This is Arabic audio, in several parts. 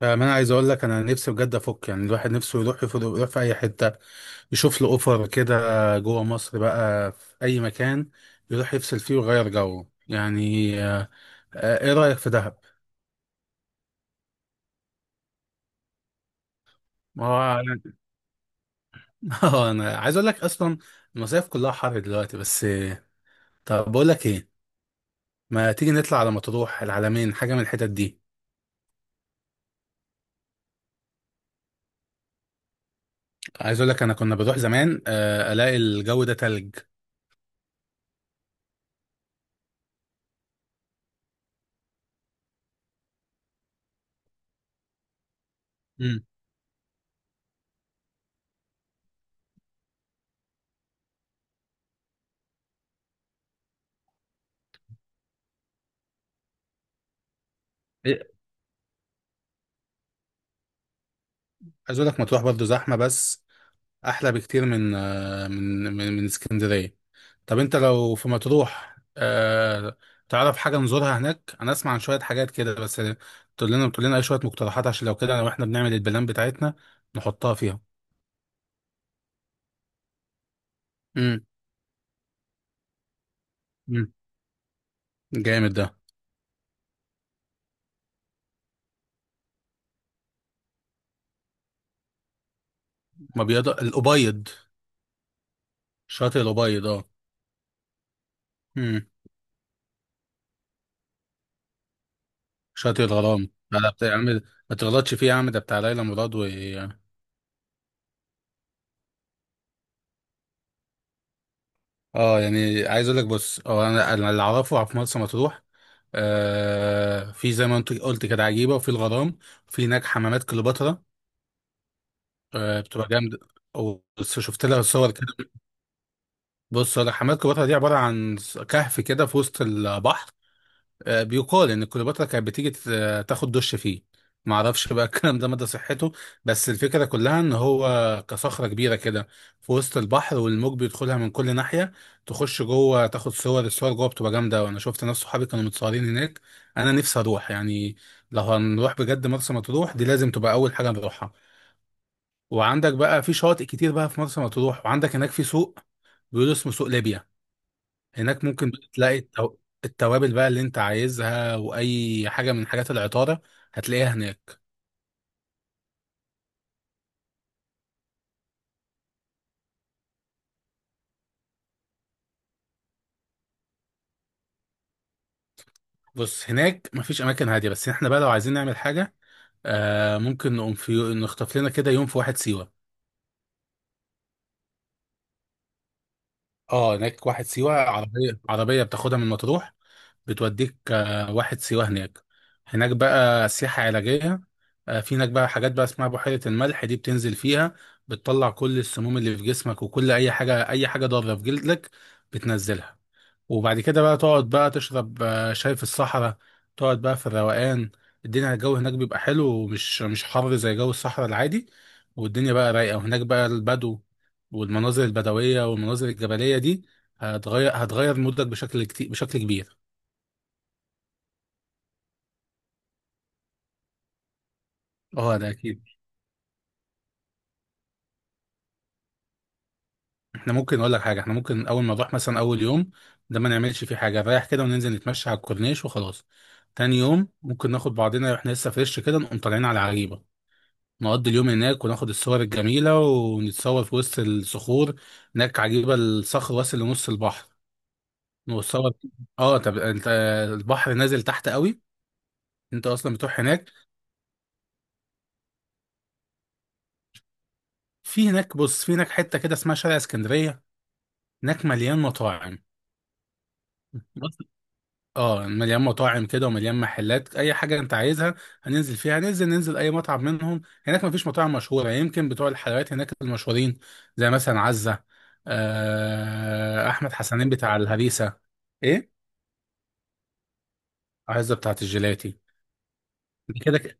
فاهم انا عايز اقول لك انا نفسي بجد افك. يعني الواحد نفسه يروح، يفضل يروح في اي حته يشوف له اوفر كده، جوه مصر بقى في اي مكان يروح يفصل فيه ويغير جو. يعني ايه رايك في دهب؟ ما هو انا عايز اقول لك اصلا المصايف كلها حر دلوقتي بس. طب بقول لك ايه، ما تيجي نطلع على مطروح، العلمين، حاجه من الحتت دي. عايز اقول لك انا كنا بروح زمان، الاقي الجو ده تلج. امم. إيه؟ عايز اقول لك مطروح برضه زحمه، بس احلى بكتير من آه، من من من اسكندريه. طب انت لو في مطروح، تعرف حاجه نزورها هناك؟ انا اسمع عن شويه حاجات كده بس. تقول لنا اي شويه مقترحات، عشان لو كده، لو احنا بنعمل البلان بتاعتنا نحطها فيها. امم. امم. جامد ده. ما بيض الابيض. شاطئ الابيض اه. امم. شاطئ الغرام، لا لا، يا عم ما تغلطش فيه يا عم، ده بتاع ليلى مراد. اه يعني عايز اقول لك، بص، هو أنا اللي اعرفه في مرسى مطروح في، زي ما انت قلت كده، عجيبه، وفي الغرام، وفي هناك حمامات كليوباترا. بتبقى جامده، وشفت لها صور كده. بص أقول لك، حمامات كليوباترا دي عباره عن كهف كده في وسط البحر. بيقال ان كليوباترا كانت بتيجي تاخد دش فيه. ما اعرفش بقى الكلام ده مدى صحته، بس الفكره كلها ان هو كصخره كبيره كده في وسط البحر، والموج بيدخلها من كل ناحيه. تخش جوه تاخد صور، جوه بتبقى جامده، وانا شفت ناس صحابي كانوا متصورين هناك. انا نفسي اروح يعني. لو هنروح بجد مرسى مطروح دي لازم تبقى اول حاجه نروحها. وعندك بقى في شواطئ كتير بقى في مرسى مطروح، وعندك هناك في سوق بيقولوا اسمه سوق ليبيا. هناك ممكن بقى تلاقي التوابل بقى اللي انت عايزها، واي حاجه من حاجات العطاره هتلاقيها هناك. بص هناك مفيش اماكن هاديه، بس احنا بقى لو عايزين نعمل حاجه ممكن نقوم في نخطف لنا كده يوم في واحد سيوه. اه هناك واحد سيوه، عربيه بتاخدها من مطروح بتوديك، واحد سيوه. هناك هناك بقى سياحه علاجيه، في هناك بقى حاجات بقى اسمها بحيره الملح، دي بتنزل فيها، بتطلع كل السموم اللي في جسمك، وكل اي حاجه ضاره في جلدك بتنزلها. وبعد كده بقى تقعد بقى تشرب شاي في الصحراء، تقعد بقى في الروقان. الدنيا، الجو هناك بيبقى حلو، ومش مش حر زي جو الصحراء العادي، والدنيا بقى رايقة، وهناك بقى البدو، والمناظر البدوية والمناظر الجبلية دي هتغير مودك بشكل كبير. اه ده اكيد. احنا ممكن اقول لك حاجة احنا ممكن اول ما نروح مثلا اول يوم ده ما نعملش فيه حاجة، نريح كده وننزل نتمشى على الكورنيش وخلاص. تاني يوم ممكن ناخد بعضنا واحنا لسه فريش كده، نقوم طالعين على عجيبة، نقضي اليوم هناك، وناخد الصور الجميلة، ونتصور في وسط الصخور. هناك عجيبة، الصخر واصل لنص البحر، نتصور. اه طب انت، البحر نازل تحت قوي، انت اصلا بتروح هناك. في هناك حتة كده اسمها شارع اسكندرية، هناك مليان مطاعم. اه مليان مطاعم كده، ومليان محلات اي حاجه انت عايزها. هننزل فيها هننزل ننزل اي مطعم منهم. هناك مفيش مطاعم مشهوره يعني، يمكن بتوع الحلويات هناك المشهورين، زي مثلا عزه، احمد حسنين بتاع الهريسه. ايه؟ عزه بتاعه الجيلاتي. دي كده.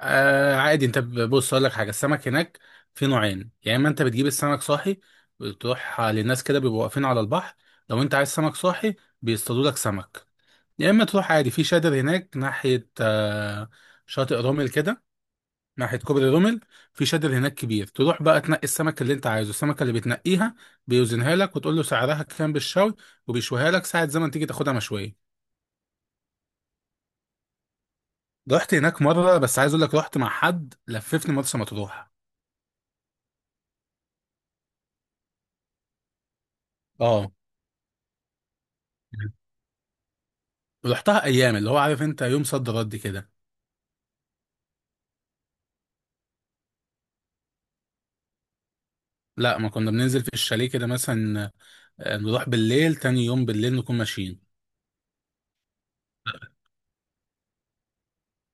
عادي، بص اقول لك حاجه، السمك هناك في نوعين، يا اما انت بتجيب السمك صاحي، بتروح للناس كده بيبقوا واقفين على البحر، لو انت عايز سمك صاحي بيصطادوا لك سمك، يا اما تروح عادي في شادر هناك ناحيه، شاطئ رومل كده، ناحيه كوبري رومل. في شادر هناك كبير، تروح بقى تنقي السمك اللي انت عايزه، السمكه اللي بتنقيها بيوزنها لك وتقول له سعرها كام بالشوي، وبيشويها لك ساعه زمن تيجي تاخدها مشويه. رحت هناك مره بس، عايز اقول لك رحت مع حد لففني مرسى مطروح. اه رحتها ايام اللي هو عارف انت، يوم صد رد كده. لا، ما كنا بننزل في الشاليه كده مثلا، نروح بالليل، تاني يوم بالليل نكون ماشيين.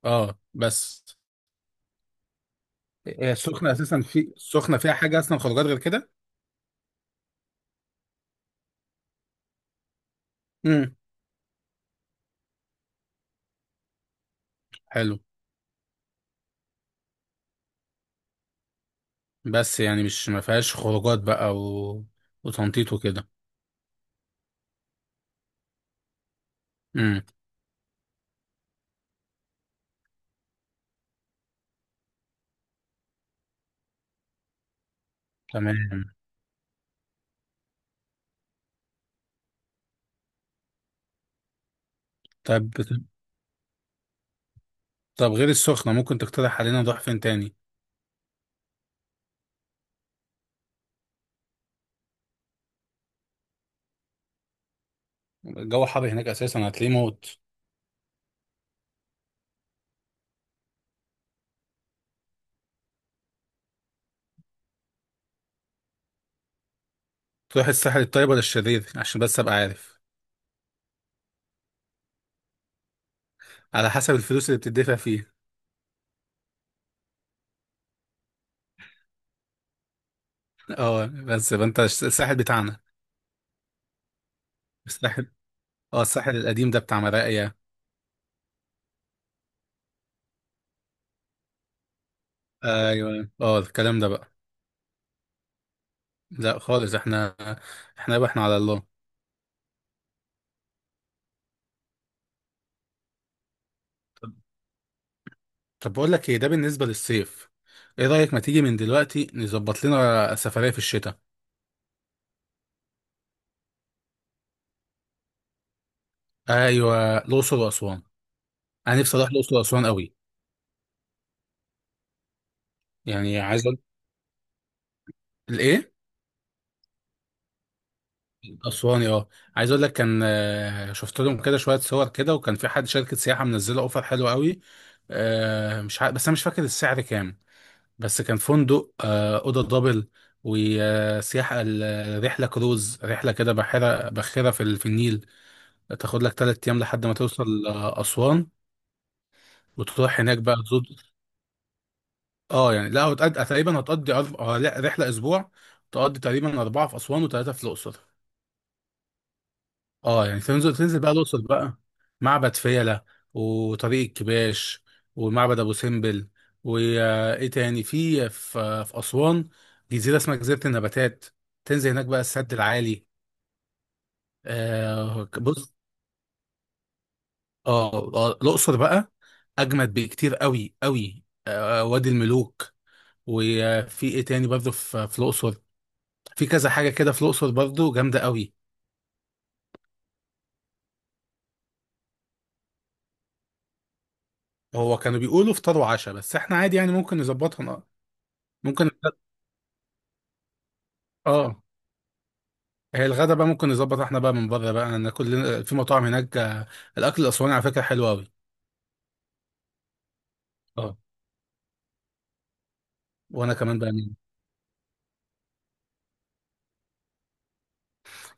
اه بس. هي السخنة أساسا في السخنة فيها حاجة أصلا خروجات غير كده؟ امم. حلو. بس يعني مش ما فيهاش خروجات بقى وتنطيط وكده. امم. تمام. طب طب غير السخنة ممكن تقترح علينا نروح فين تاني؟ الجو حر هناك أساسا، هتلاقيه موت. تروح الساحل الطيب ولا الشرير؟ عشان بس أبقى عارف. على حسب الفلوس اللي بتدفع فيه. اه، بس يبقى أنت الساحل بتاعنا. الساحل، اه الساحل القديم ده بتاع مراقيا. ايوه اه الكلام ده بقى. لا خالص، احنا احنا بقى احنا على الله. طب بقول لك ايه، ده بالنسبه للصيف، ايه رايك ما تيجي من دلوقتي نظبط لنا سفريه في الشتاء؟ ايوه، الاقصر واسوان، انا نفسي اروح الاقصر واسوان قوي. يعني عايز اقول. الايه؟ اسواني اه. عايز اقول لك كان، شفت لهم كده شويه صور كده، وكان في حد شركه سياحه منزله اوفر حلو قوي. مش عارف بس انا مش فاكر السعر كام. بس كان فندق، اوضه دبل، وسياحه، الرحله كروز، رحله كده بحيره باخره في النيل، تاخد لك 3 ايام لحد ما توصل، اسوان، وتروح هناك بقى تزود. اه يعني، لا، هتقضي أرب... آه، لا، رحلة أسبوع، تقضي تقريبا أربعة في أسوان وثلاثة في الأقصر. اه يعني تنزل بقى الأقصر بقى، معبد فيلة، وطريق الكباش، ومعبد أبو سمبل. وإيه تاني في أسوان؟ جزيرة اسمها جزيرة النباتات، تنزل هناك بقى السد العالي. بص، اه، الأقصر بقى أجمد بكتير قوي قوي، وادي الملوك. وفي إيه تاني برضه في الأقصر؟ في كذا حاجة كده في الأقصر برضه جامدة قوي. هو كانوا بيقولوا فطار وعشاء، بس احنا عادي يعني ممكن نظبطها. ممكن. اه، هي الغدا بقى ممكن نظبط احنا بقى من بره بقى، ناكل في مطاعم هناك. الأكل الأسواني على فكرة حلو قوي. اه، وانا كمان بقى مين.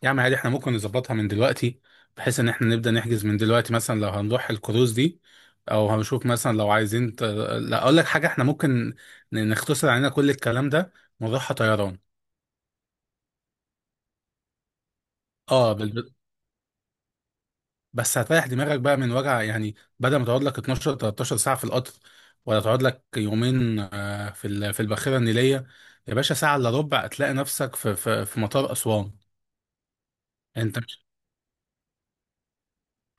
يا عم عادي، احنا ممكن نظبطها من دلوقتي، بحيث ان احنا نبدأ نحجز من دلوقتي، مثلا لو هنروح الكروز دي، او هنشوف مثلا لو عايزين لا اقول لك حاجة، احنا ممكن نختصر علينا كل الكلام ده ونروحها طيران. اه بالظبط. بس هتريح دماغك بقى من وجع، يعني بدل ما تقعد لك 12 13 ساعة في القطر، ولا تقعد لك يومين، في الباخرة النيلية. يا باشا ساعة إلا ربع هتلاقي نفسك في مطار أسوان. أنت مش،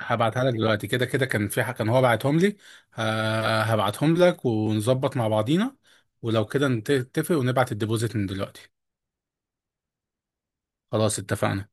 هبعتها لك دلوقتي كده كده، كان في كان هو بعتهم لي. هبعتهم لك ونظبط مع بعضينا، ولو كده نتفق ونبعت الديبوزيت من دلوقتي. خلاص اتفقنا.